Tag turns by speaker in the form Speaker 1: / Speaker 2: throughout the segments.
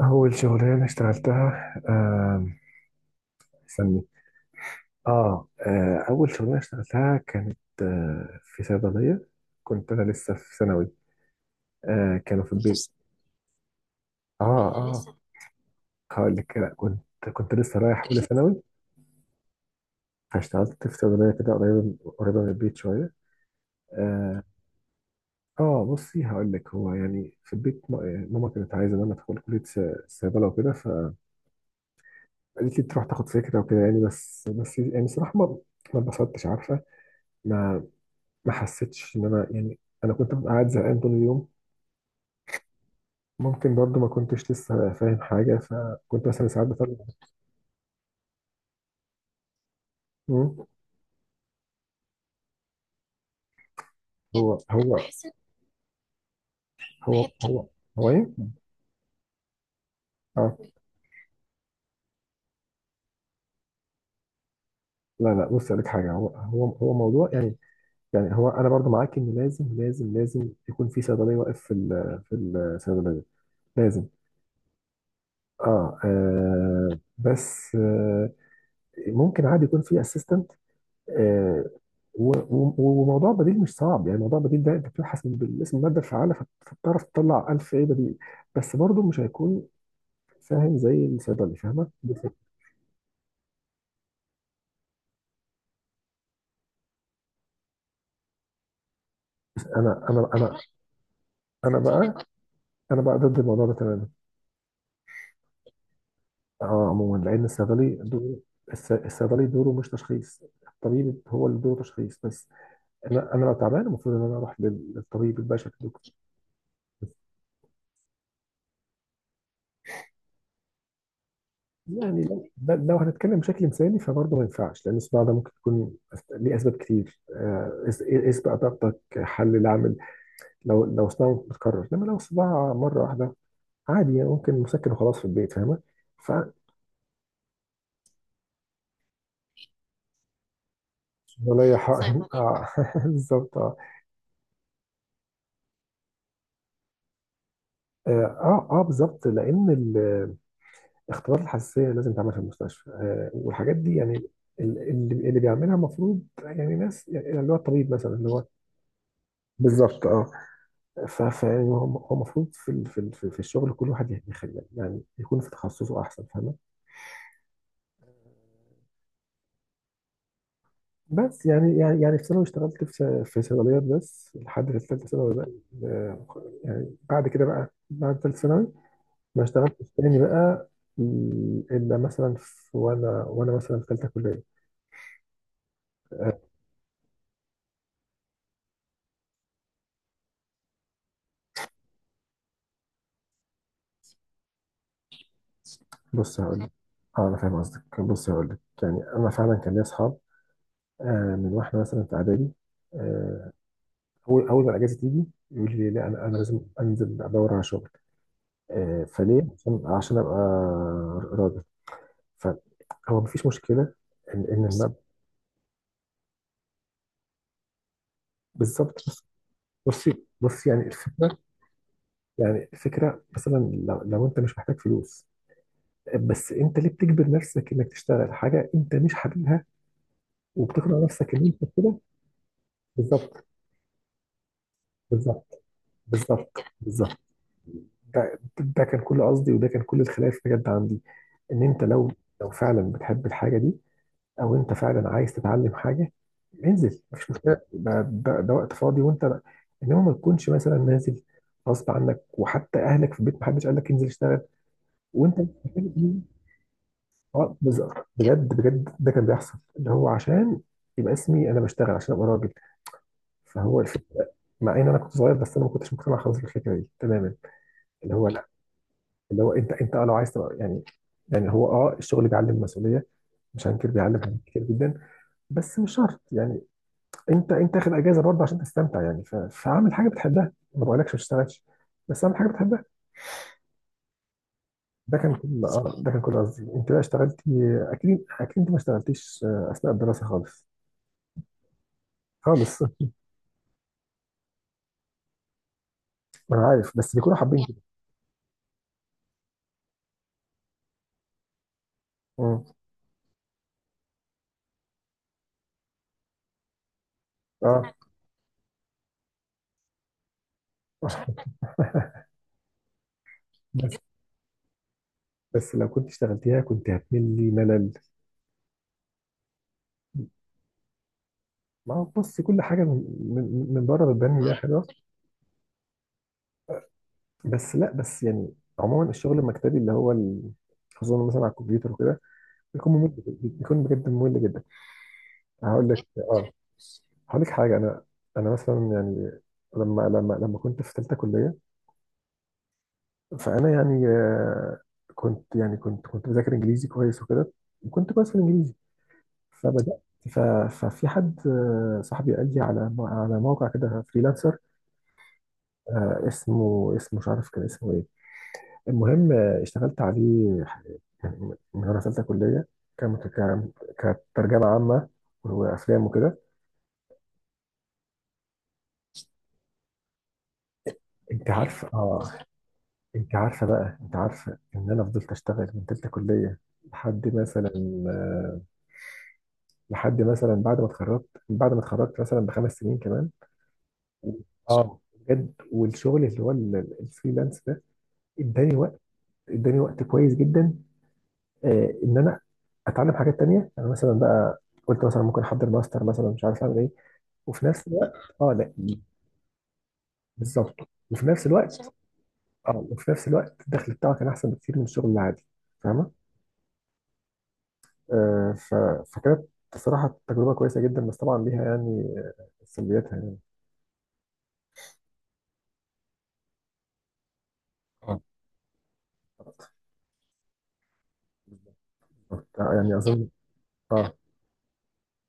Speaker 1: أول شغلانة اشتغلتها استني. أول شغلانة اشتغلتها كانت في صيدلية. كنت أنا لسه في ثانوي. كانوا في البيت. آه آه، هقول لك لا. كنت لسه رايح أولى ثانوي. فاشتغلت في صيدلية كده قريبة قريبة من البيت شوية. آه, بصي، هقول لك. هو يعني في البيت ماما كانت عايزة إن أنا أدخل كلية صيدلة وكده، فقالت لي تروح تاخد فكرة وكده. يعني بس بس، يعني صراحة ما اتبسطتش، عارفة. ما ما حسيتش ان انا يعني، انا كنت ببقى قاعد زهقان طول اليوم. ممكن برضو ما كنتش لسه فاهم حاجه، فكنت مثلا ساعات بفرق. مم. هو هو هو هو هو ايه؟ اه لا لا، بص لك حاجه. هو موضوع يعني. يعني هو انا برضو معاك ان لازم يكون في صيدليه واقف في الصيدليه، لازم. بس ممكن عادي يكون في اسيستنت. و- و- وموضوع بديل مش صعب، يعني موضوع بديل ده انت بتبحث من بالاسم الماده الفعاله، فبتعرف تطلع 1000 ايه بديل. بس برضو مش هيكون فاهم زي الصيدلي فاهمه، دي الفكرة. انا انا انا انا بقى انا بقى ضد الموضوع ده تماما. اه عموما، لان الصيدلي دوره، الصيدلي دوره مش تشخيص. الطبيب هو اللي دوره تشخيص بس. انا انا لو تعبان المفروض ان انا اروح للطبيب البشري الدكتور. يعني لو هنتكلم بشكل مثالي فبرضه ما ينفعش، لان الصداع ده ممكن يكون ليه اسباب كتير. إيه اسبق ضغطك حل العمل. لو صداع متكرر، انما لو صداع مره واحده عادي يعني، ممكن مسكن وخلاص في البيت، فاهمه. ف ولا يح... اه بالظبط. اه اه بالظبط لان اختبارات الحساسيه لازم تعمل في المستشفى، والحاجات دي يعني. اللي بيعملها المفروض يعني ناس، يعني اللي هو الطبيب مثلا، اللي هو بالظبط اه. فهو المفروض في ال- في ال- في في الشغل كل واحد يخلي يعني يكون في تخصصه احسن، فاهمه. بس يعني في ثانوي اشتغلت في صيدليات بس لحد ثالثه ثانوي بقى. آه، يعني بعد كده بقى، بعد ثالثه ثانوي ما اشتغلتش تاني بقى. الا مثلا في، وانا مثلا في ثالثه كليه. آه، بص هقول لك. اه انا فاهم قصدك، بص هقول لك. يعني انا فعلا كان لي اصحاب من واحنا مثلا في اعدادي. آه، اول ما الاجازه تيجي يقول لي لا، انا انا لازم انزل ادور على شغل. فليه؟ عشان ابقى راجل. فهو مفيش مشكله ان المبدأ. بالظبط. بص بصي بصي يعني الفكره. يعني الفكره مثلا لو انت مش محتاج فلوس، بس انت ليه بتجبر نفسك انك تشتغل حاجه انت مش حاببها وبتقنع نفسك ان انت كده؟ بالظبط بالظبط بالظبط بالظبط. ده كان كل قصدي، وده كان كل الخلاف بجد عندي. ان انت لو فعلا بتحب الحاجه دي، او انت فعلا عايز تتعلم حاجه، انزل مفيش مشكله، ده وقت فاضي وانت. انما ما تكونش مثلا نازل غصب عنك، وحتى اهلك في البيت محدش قال لك انزل اشتغل وانت مش محتاج دي. اه بز- بجد ده كان بيحصل، اللي هو عشان يبقى اسمي انا بشتغل عشان ابقى راجل. فهو الفكره، مع ان انا كنت صغير بس انا ما كنتش مقتنع خالص بالفكره دي تماما، اللي هو لا، اللي هو انت انت لو عايز تبقى يعني. يعني هو اه الشغل بيعلم مسؤوليه، مش هنكر، بيعلم حاجات كتير جدا. بس مش شرط يعني، انت انت اخد اجازه برضه عشان تستمتع. يعني فاعمل حاجه بتحبها، ما بقولكش ما تشتغلش، بس اعمل حاجه بتحبها. ده كان كل قصدي. انت بقى اشتغلتي؟ اكيد اكيد انت ما اشتغلتيش اثناء الدراسه خالص، خالص ما انا عارف، بس بيكونوا حابين كده. مم. اه بس، لو كنت اشتغلتيها كنت هتملي ملل. ما هو بص، كل حاجه من بره بتبان ان هي حلوه. بس لا، بس يعني عموما الشغل المكتبي، اللي هو خصوصا مثلا على الكمبيوتر وكده بيكون ممل، بيكون بجد ممل جدا. هقول لك اه، هقول لك حاجه. انا مثلا يعني، لما كنت في ثالثه كليه، فانا يعني كنت يعني كنت بذاكر انجليزي كويس وكده، وكنت كويس في الانجليزي فبدات. ف- ففي حد صاحبي قال لي على على موقع كده فريلانسر. اسمه اسمه مش عارف كان اسمه ايه. المهم اشتغلت عليه يعني من وانا في ثالثه كليه. كان كان- كترجمه عامه وافلام وكده. انت عارف اه. انت عارفه بقى، انت عارفه ان انا فضلت اشتغل من تالتة كليه لحد مثلا آه، بعد ما اتخرجت، بعد ما اتخرجت مثلا ب5 سنين كمان. اه بجد. والشغل اللي هو الفريلانس ده اداني وقت، اداني وقت كويس جدا ان انا اتعلم حاجات تانية. يعني مثلا بقى قلت مثلا ممكن احضر ماستر مثلا، مش عارف اعمل ايه، وفي نفس الوقت. اه لا، بالظبط، وفي نفس الوقت اه، وفي نفس الوقت الدخل بتاعه كان احسن بكتير من الشغل العادي، فاهمه. آه، ف- فكانت بصراحة تجربة كويسة جدا، بس طبعا ليها يعني سلبياتها يعني. اه يعني أظن. اه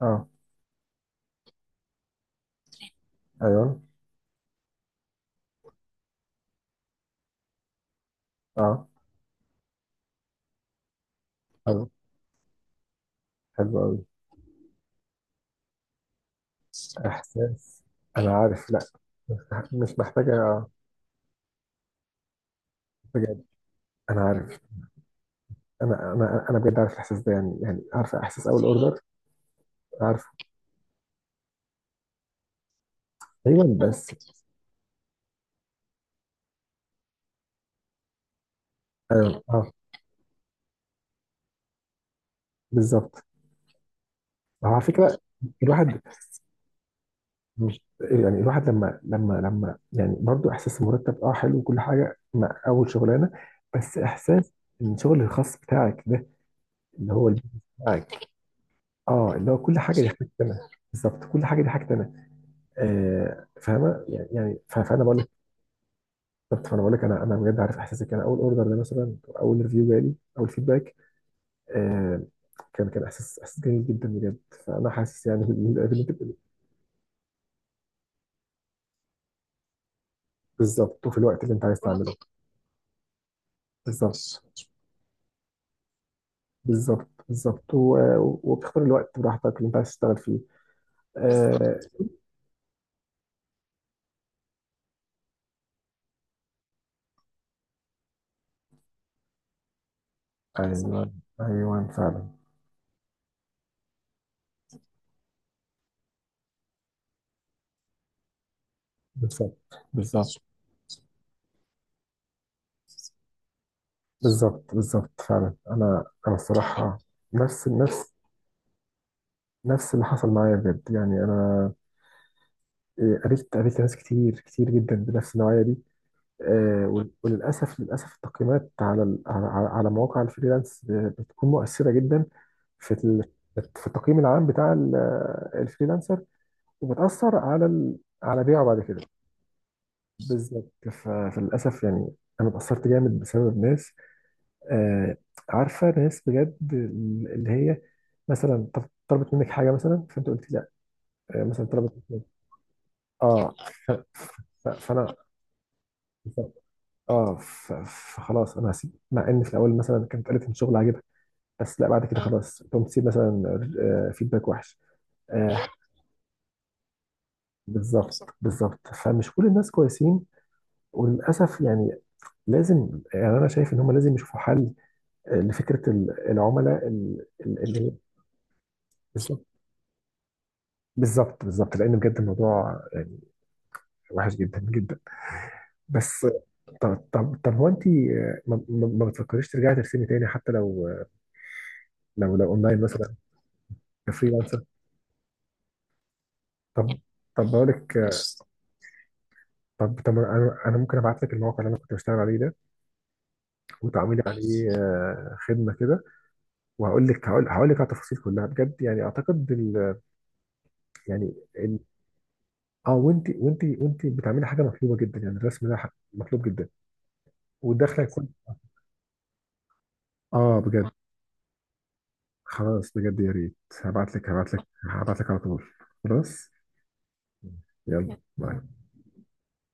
Speaker 1: اه أيوه اه. حلو، حلو أوي. إحساس. أنا عارف لا، مش محتاجة. بجد أنا عارف. أنا أنا أنا بجد عارف الإحساس ده، يعني يعني عارف إحساس أول أوردر. عارفه. أيوه بس، أيوه اه بالظبط. على فكرة الواحد، مش إيه، يعني الواحد لما يعني برضو، احساس المرتب اه حلو وكل حاجه مع اول شغلانه. بس احساس ان الشغل الخاص بتاعك ده، اللي هو البيزنس بتاعك. اه اللي هو كل حاجه دي حاجتي انا، بالظبط كل حاجه دي حاجتي انا. فاهمه يعني. يعني فانا بقول لك. بالظبط، فانا بقول لك، انا انا بجد عارف احساسك. انا اول اوردر ده مثلا، اول ريفيو جالي، اول فيدباك آه كان احساس، احساس جميل جدا بجد. فانا حاسس يعني باللي أنت بتقوليه. بالظبط، وفي الوقت اللي انت عايز تعمله. بالظبط بالظبط بالظبط وبتختار الوقت براحتك اللي انت عايز تشتغل فيه. بالظبط. ايوه ايوه فعلا. بالظبط بالظبط بالظبط فعلا. انا انا الصراحه، نفس نفس نفس اللي حصل معايا بجد. يعني انا قابلت ناس كتير كتير جدا بنفس النوعيه دي. وللاسف التقييمات على على مواقع الفريلانس بتكون مؤثره جدا في في التقييم العام بتاع الفريلانسر، وبتأثر على على بيعه بعد كده. بالظبط. فللأسف يعني، أنا اتأثرت جامد بسبب ناس آه عارفة، ناس بجد اللي هي مثلا طلبت منك حاجة مثلا، فأنت قلت لا. آه مثلا طلبت منك اه ف... فأنا اه فخلاص أنا هسيب، مع إن في الأول مثلا كانت قالت إن شغل عاجبها، بس لا بعد كده خلاص تقوم تسيب مثلا فيدباك وحش. آه بالظبط فمش كل الناس كويسين، وللأسف يعني. لازم، يعني انا شايف ان هم لازم يشوفوا حل لفكره العملاء بالظبط. بالظبط بالظبط بالظبط لان بجد الموضوع يعني وحش جدا جدا، بس. طب هو انت ما بتفكريش ترجعي ترسمي تاني حتى لو لو اونلاين مثلا كفريلانسر؟ طب طب بقول لك آه، طب طب انا ممكن ابعت لك الموقع اللي انا كنت بشتغل عليه ده، وتعملي عليه خدمه كده. وهقول لك، هقول هقول لك على التفاصيل كلها بجد، يعني اعتقد يعني اه. وانت بتعملي حاجه مطلوبه جدا، يعني الرسم ده مطلوب جدا، والدخل هيكون اه بجد. خلاص بجد، يا ريت. هبعت لك على طول. خلاص. يلا.